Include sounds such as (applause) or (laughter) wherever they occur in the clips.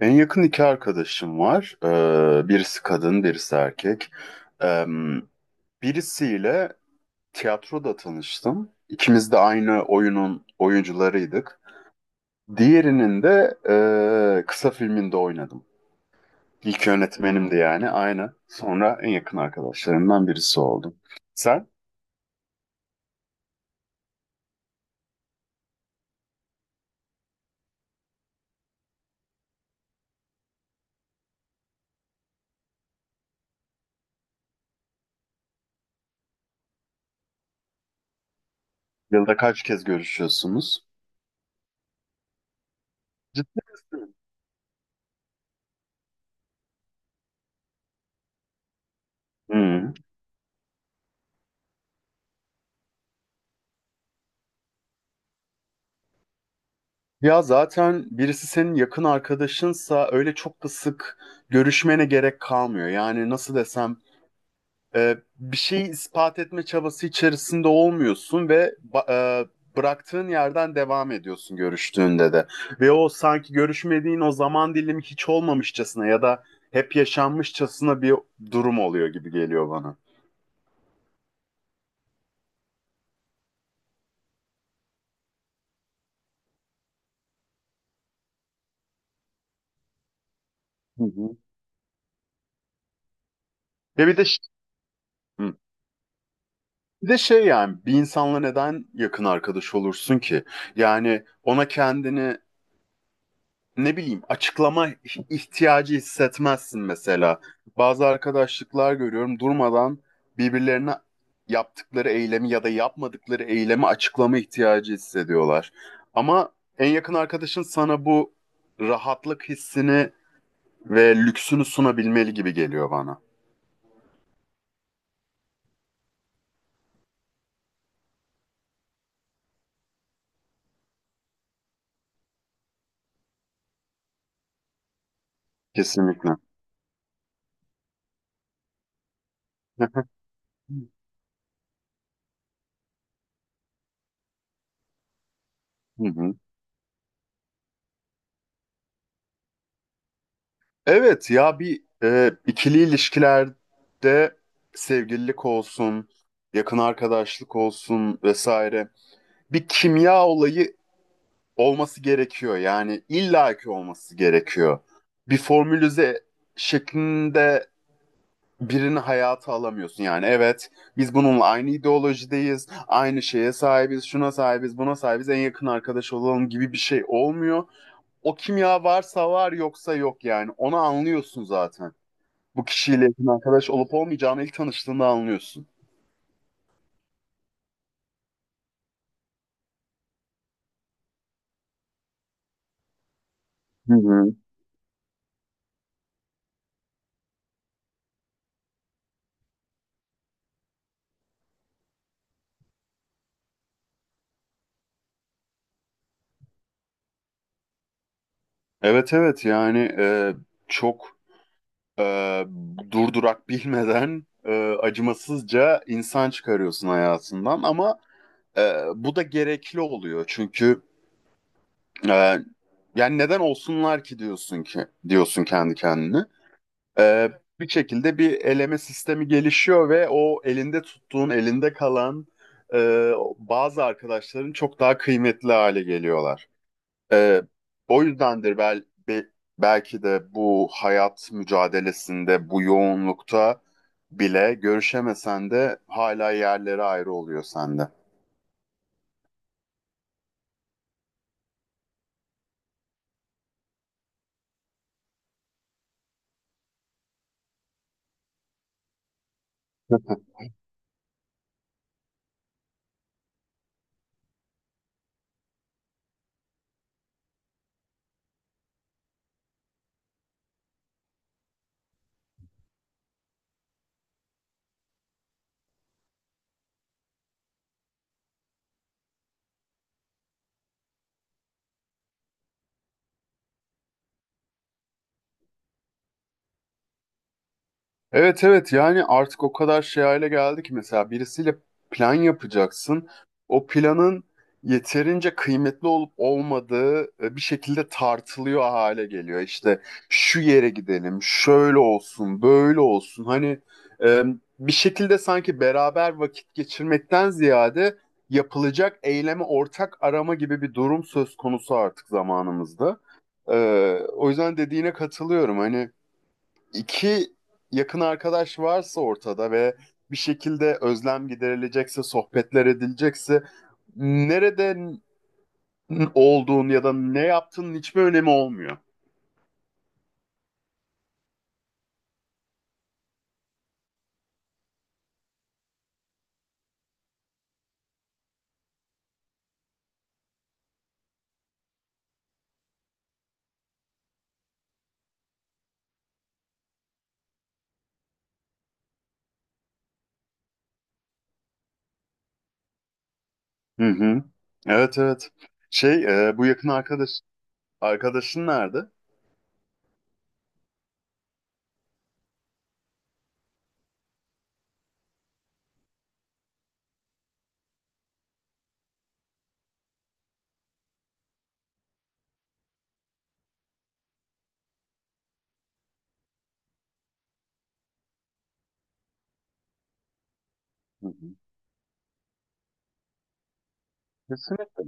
En yakın iki arkadaşım var. Birisi kadın, birisi erkek. Ee, birisiyle tiyatroda tanıştım. İkimiz de aynı oyunun oyuncularıydık. Diğerinin de kısa filminde oynadım. İlk yönetmenimdi yani aynı. Sonra en yakın arkadaşlarımdan birisi oldum. Sen yılda kaç kez görüşüyorsunuz? Ciddi misin? Ya zaten birisi senin yakın arkadaşınsa öyle çok da sık görüşmene gerek kalmıyor. Yani nasıl desem bir şeyi ispat etme çabası içerisinde olmuyorsun ve bıraktığın yerden devam ediyorsun görüştüğünde de. Ve o sanki görüşmediğin o zaman dilimi hiç olmamışçasına ya da hep yaşanmışçasına bir durum oluyor gibi geliyor bana. Hı hı. Ve bir de ş- Hı. Bir de şey yani bir insanla neden yakın arkadaş olursun ki? Yani ona kendini ne bileyim açıklama ihtiyacı hissetmezsin mesela. Bazı arkadaşlıklar görüyorum durmadan birbirlerine yaptıkları eylemi ya da yapmadıkları eylemi açıklama ihtiyacı hissediyorlar. Ama en yakın arkadaşın sana bu rahatlık hissini ve lüksünü sunabilmeli gibi geliyor bana. Kesinlikle. (laughs) Hı hı. Evet ya bir ikili ilişkilerde sevgililik olsun, yakın arkadaşlık olsun vesaire. Bir kimya olayı olması gerekiyor. Yani illaki olması gerekiyor. Bir formülize şeklinde birini hayata alamıyorsun. Yani evet biz bununla aynı ideolojideyiz, aynı şeye sahibiz, şuna sahibiz, buna sahibiz, en yakın arkadaş olalım gibi bir şey olmuyor. O kimya varsa var yoksa yok yani. Onu anlıyorsun zaten. Bu kişiyle yakın arkadaş olup olmayacağını ilk tanıştığında anlıyorsun. Hı hı. Evet evet yani çok e, durdurak bilmeden acımasızca insan çıkarıyorsun hayatından ama bu da gerekli oluyor çünkü e, yani neden olsunlar ki diyorsun ki diyorsun kendi kendine. E, Bir şekilde bir eleme sistemi gelişiyor ve o elinde tuttuğun elinde kalan e, bazı arkadaşların çok daha kıymetli hale geliyorlar. Ee, o yüzdendir belki de bu hayat mücadelesinde, bu yoğunlukta bile görüşemesen de hala yerleri ayrı oluyor sende. Evet evet yani artık o kadar şey hale geldi ki mesela birisiyle plan yapacaksın. O planın yeterince kıymetli olup olmadığı bir şekilde tartılıyor hale geliyor. İşte şu yere gidelim, şöyle olsun, böyle olsun. Hani e, bir şekilde sanki beraber vakit geçirmekten ziyade yapılacak eyleme ortak arama gibi bir durum söz konusu artık zamanımızda. E, O yüzden dediğine katılıyorum. Hani iki yakın arkadaş varsa ortada ve bir şekilde özlem giderilecekse, sohbetler edilecekse nereden olduğun ya da ne yaptığının hiçbir önemi olmuyor. Hı hı. Evet evet. Bu yakın arkadaşın nerede? Hı hı. Kesinlikle.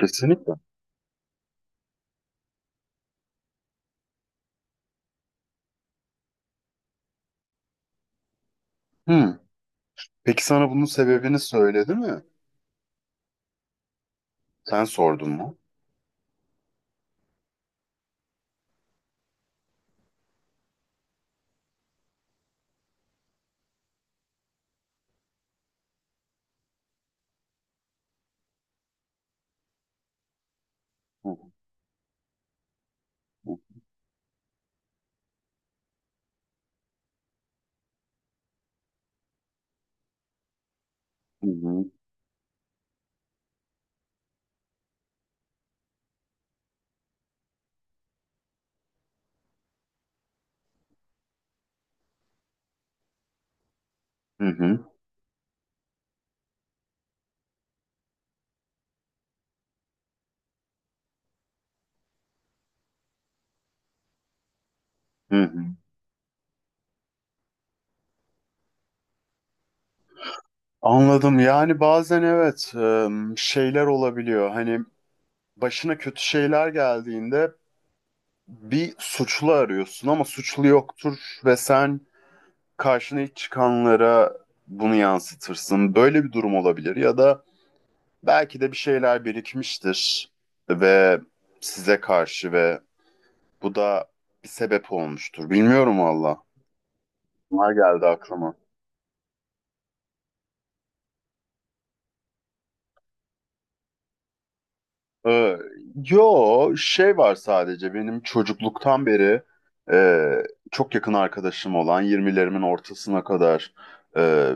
Kesinlikle. Hı. Peki sana bunun sebebini söyledi mi? Sen sordun mu? Hı hı. Hı hı. Hı hı. Hı hı. Anladım. Yani bazen evet şeyler olabiliyor. Hani başına kötü şeyler geldiğinde bir suçlu arıyorsun ama suçlu yoktur ve sen karşına ilk çıkanlara bunu yansıtırsın. Böyle bir durum olabilir ya da belki de bir şeyler birikmiştir ve size karşı ve bu da bir sebep olmuştur. Bilmiyorum valla. Bunlar geldi aklıma. Ee, yo şey var sadece benim çocukluktan beri e, çok yakın arkadaşım olan yirmilerimin ortasına kadar e,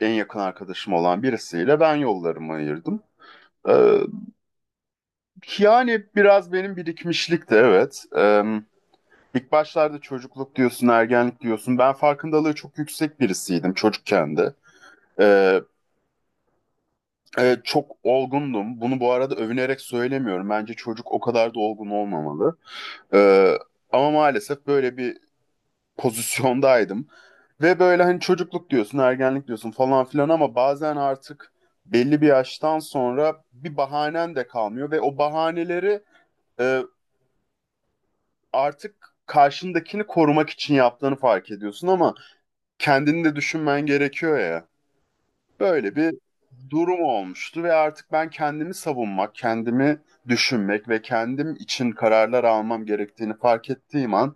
en yakın arkadaşım olan birisiyle ben yollarımı ayırdım. Ee, yani biraz benim birikmişlik de evet. İlk başlarda çocukluk diyorsun, ergenlik diyorsun. Ben farkındalığı çok yüksek birisiydim çocukken de. Ee, çok olgundum. Bunu bu arada övünerek söylemiyorum. Bence çocuk o kadar da olgun olmamalı. Ee, ama maalesef böyle bir pozisyondaydım. Ve böyle hani çocukluk diyorsun, ergenlik diyorsun falan filan ama bazen artık belli bir yaştan sonra bir bahanen de kalmıyor ve o bahaneleri e, artık karşındakini korumak için yaptığını fark ediyorsun ama kendini de düşünmen gerekiyor ya. Böyle bir durum olmuştu ve artık ben kendimi savunmak, kendimi düşünmek ve kendim için kararlar almam gerektiğini fark ettiğim an,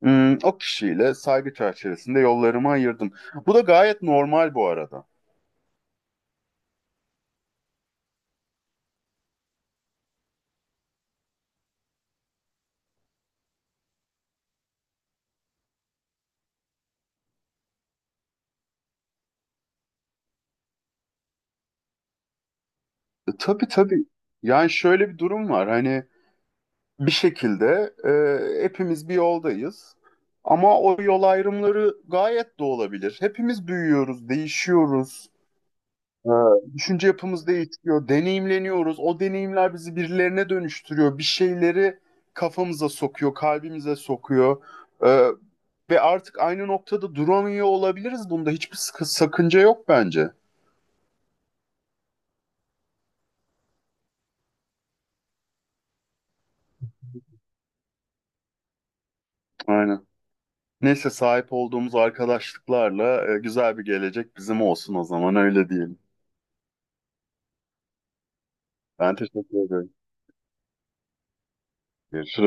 O kişiyle saygı çerçevesinde yollarımı ayırdım. Bu da gayet normal bu arada. Tabii tabii. Yani şöyle bir durum var. Hani bir şekilde hepimiz bir yoldayız. Ama o yol ayrımları gayet de olabilir. Hepimiz büyüyoruz, değişiyoruz. E, düşünce yapımız değişiyor, deneyimleniyoruz. O deneyimler bizi birilerine dönüştürüyor. Bir şeyleri kafamıza sokuyor, kalbimize sokuyor. E, ve artık aynı noktada duramıyor olabiliriz. Bunda hiçbir sakınca yok bence. Aynen. Neyse sahip olduğumuz arkadaşlıklarla güzel bir gelecek bizim olsun o zaman öyle diyelim. Ben teşekkür ederim. Görüşürüz.